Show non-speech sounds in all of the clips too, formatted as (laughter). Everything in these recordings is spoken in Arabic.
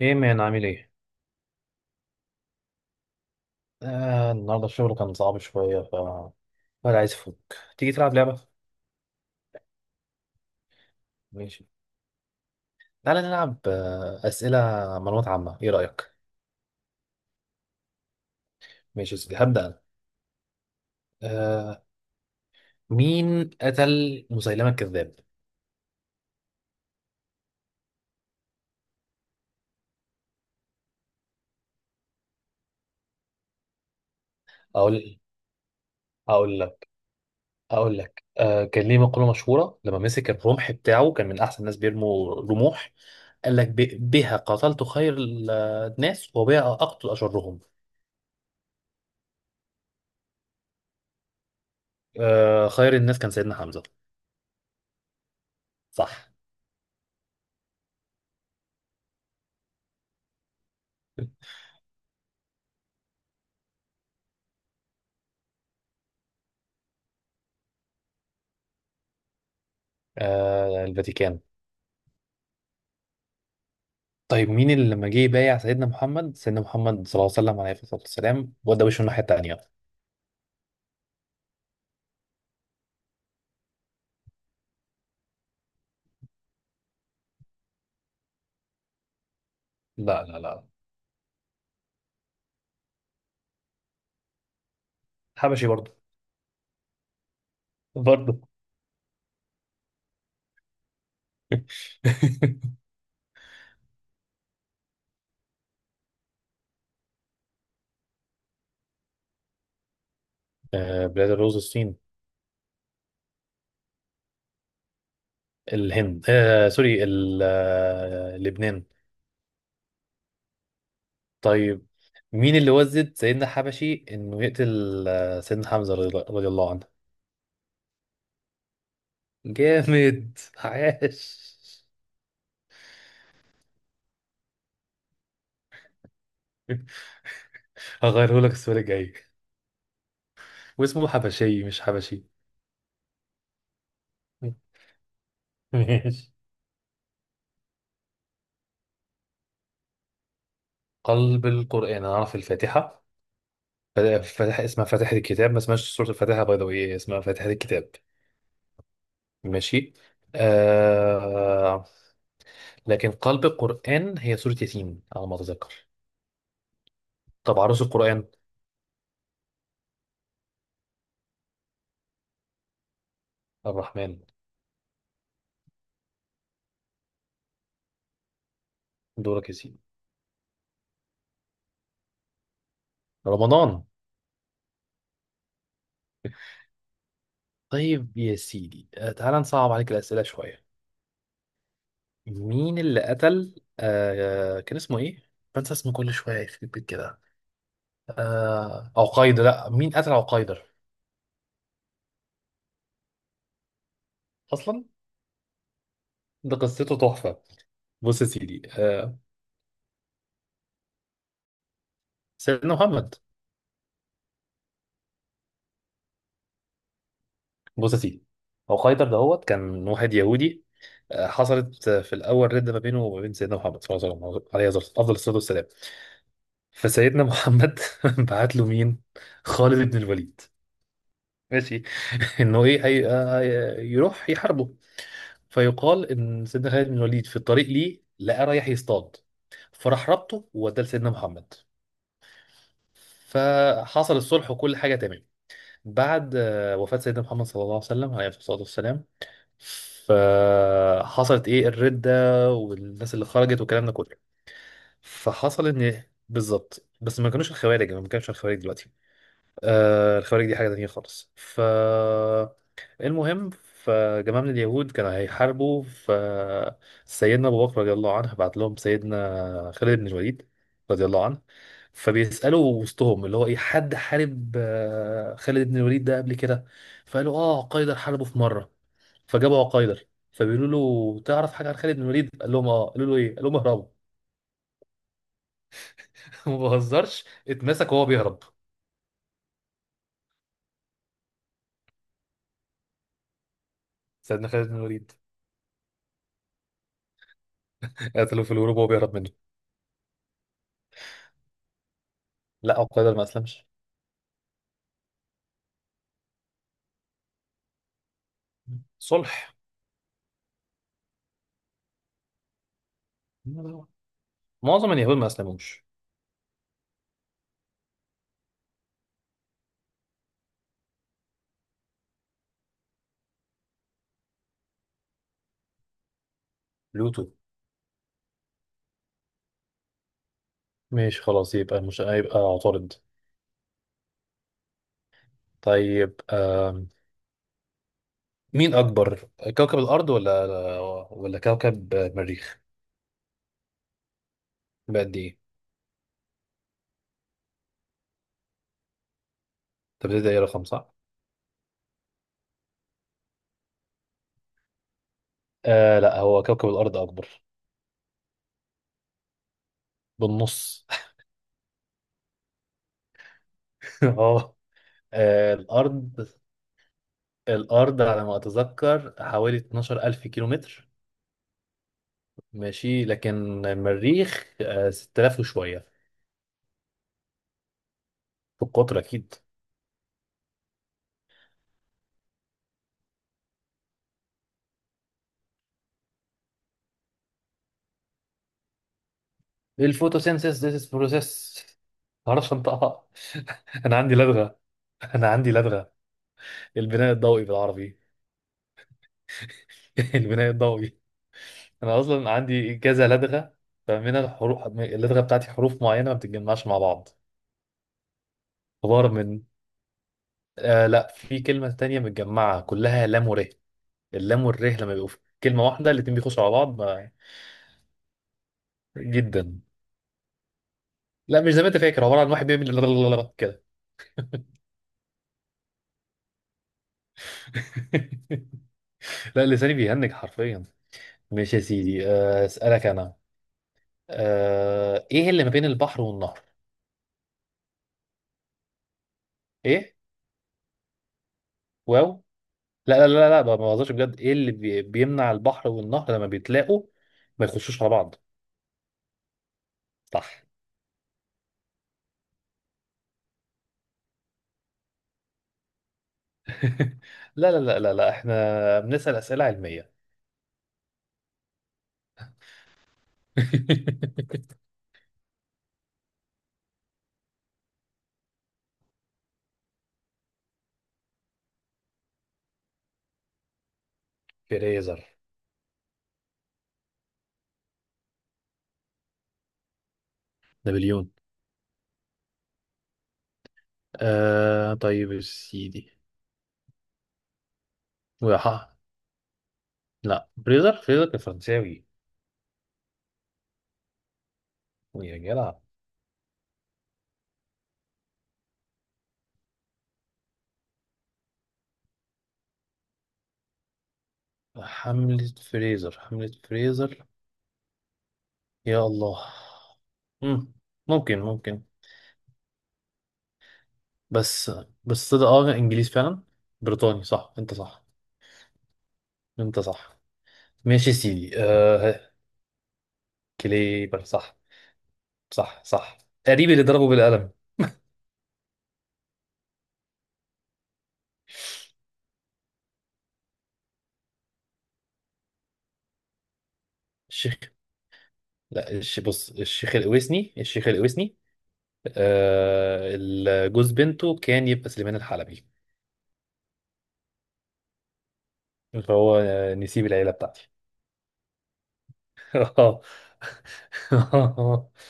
ايه مان، عامل ايه؟ النهارده الشغل كان صعب شوية، ولا عايز افك. تيجي تلعب لعبة؟ ماشي. تعالى نلعب أسئلة معلومات عامة، ايه رأيك؟ ماشي يا سيدي، هبدأ أنا. آه مين قتل مسيلمة الكذاب؟ أقول أقول لك، كان ليه مقولة مشهورة، لما مسك الرمح بتاعه كان من أحسن الناس بيرموا رموح. قال لك: بها قتلت خير الناس، وبها أقتل أشرهم. خير الناس كان سيدنا حمزة. صح. الفاتيكان. طيب، مين اللي لما جه يبايع سيدنا محمد صلى الله عليه وسلم، عليه الصلاة والسلام، وده وشه الناحية التانية؟ لا، لا، لا، حبشي برضه، برضه. (laughs) بلاد الرز، الصين، الهند، سوري، لبنان. طيب، مين اللي وزد سيدنا حبشي انه يقتل سيدنا حمزة، رضي الله عنه؟ جامد. (laughs) عاش. هغيره لك السؤال الجاي. واسمه حبشي مش حبشي. (laughs) ماشي. قلب القرآن، أنا أعرف الفاتحة. اسمها فاتحة الكتاب، ما اسمهاش سورة الفاتحة، باي ذا واي اسمها فاتحة الكتاب. ماشي. آه لكن قلب القرآن هي سورة ياسين على ما أتذكر. طب، عروس القرآن؟ الرحمن. دورك يا سيدي. رمضان. طيب يا سيدي، تعال نصعب عليك الأسئلة شوية. مين اللي قتل، كان اسمه إيه؟ بنسى اسمه كل شوية، يخرب بيت كده. لا، مين قتل عقيدر؟ أصلا. ده قصته تحفة. بص يا سيدي، سيدنا محمد. بص يا سيدي، هو خيدر دهوت كان واحد يهودي. حصلت في الاول رده ما بينه وما بين سيدنا محمد صلى الله عليه وسلم، عليه أفضل الصلاه والسلام. فسيدنا محمد (laughs) بعت له مين؟ خالد بن الوليد. ماشي. (laughs) انه ايه هي... آه، يروح يحاربه. فيقال ان سيدنا خالد بن الوليد في الطريق ليه لقى رايح يصطاد، فراح ربطه ووداه لسيدنا محمد. فحصل الصلح وكل حاجه تمام. بعد وفاه سيدنا محمد صلى الله عليه وسلم، عليه الصلاه والسلام، فحصلت، ايه، الردة، والناس اللي خرجت والكلام ده كله. فحصل ان، بالظبط، بس ما كانوش الخوارج، يعني ما كانش الخوارج دلوقتي. الخوارج دي حاجة تانية خالص، المهم، فجماعة من اليهود كانوا هيحاربوا، فسيدنا أبو بكر رضي الله عنه بعت لهم سيدنا خالد بن الوليد رضي الله عنه. فبيسألوا وسطهم، اللي هو إيه، حد حارب خالد بن الوليد ده قبل كده؟ فقالوا قيدر حاربه في مرة. فجابوا عقايدر، فبيقولوا له: تعرف حاجة عن خالد بن الوليد؟ قال لهم قالوا له إيه؟ قال لهم: اهربوا. (laughs) ما بهزرش، اتمسك وهو بيهرب. سيدنا خالد بن الوليد. قتلوه في الهروب وهو بيهرب منه. لا، عقايدر ما أسلمش. صلح. معظم اليهود ما اسلموش. بلوتو. ماشي، خلاص، يبقى مش هيبقى عطارد. طيب، مين اكبر؟ كوكب الارض ولا كوكب المريخ؟ بقد ايه؟ طب ده ايه، رقم صح؟ لا، هو كوكب الارض اكبر. بالنص. (laughs) اه. آه، الارض الارض على ما اتذكر حوالي 12000 كيلومتر. ماشي، لكن المريخ 6000 وشويه. في القطر اكيد. الفوتوسينثيس، ذيس بروسيس. ما اعرفش انطقها. (laughs) انا عندي لدغه، انا عندي لدغه. البناء الضوئي بالعربي. (laughs) البناء الضوئي. انا اصلا عندي كذا لدغه. فمن الحروف اللدغه بتاعتي، حروف معينه ما بتتجمعش مع بعض. عباره من لا، في كلمه تانية متجمعه كلها لام وره. اللام والره لما بيبقوا في كلمه واحده، الاتنين بيخشوا على بعض جدا. لا، مش زي ما انت فاكر، عباره عن واحد بيعمل (laughs) كده. (laughs) لا، لساني بيهنج حرفيا. ماشي يا سيدي، اسالك انا. ايه اللي ما بين البحر والنهر؟ ايه؟ واو؟ لا، لا، لا، لا، ما بهزرش بجد، ايه اللي بيمنع البحر والنهر لما بيتلاقوا ما يخشوش على بعض؟ صح. (laughs) لا، لا، لا، لا، لا، احنا بنسال اسئله علميه. (laughs) فريزر. نابليون. طيب يا سيدي. وح... لا، فريزر كان فرنساوي. يا جدع، حملة فريزر، حملة فريزر، يا الله. مم. ممكن، ممكن. بس، ده انجليز فعلا. بريطاني، صح، انت صح. انت صح. ماشي يا سيدي. كليبر صح. صح، صح. قريب اللي ضربه بالقلم. الشيخ. لا، بص، الشيخ الأويسني، الشيخ الأويسني. جوز بنته كان يبقى سليمان الحلبي. فهو نسيب العيلة بتاعتي. (laughs) اه. (laughs)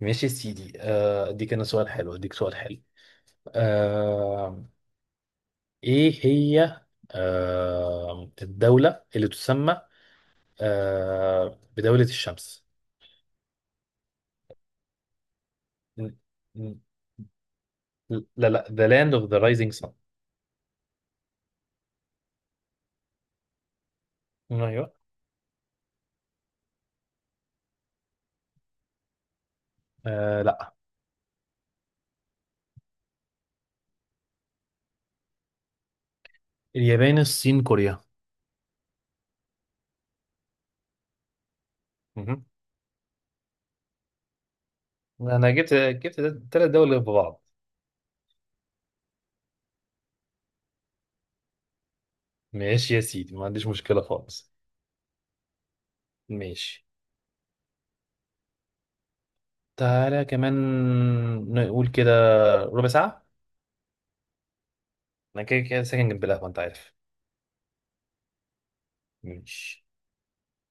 ماشي يا سيدي، اديك انا سؤال حلو، اديك سؤال حلو. آه، إيه هي الدولة اللي تسمى بدولة الشمس؟ م- م- لا، لا، The Land of the Rising Sun. أيوه. لا، اليابان، الصين، كوريا. مهم. أنا جبت 3 دول في بعض. ماشي يا سيدي، ما عنديش مشكلة خالص. ماشي. تعالى كمان، نقول كده ربع ساعة. أنا كده كده ساكن جنب القهوة، أنت عارف. ماشي.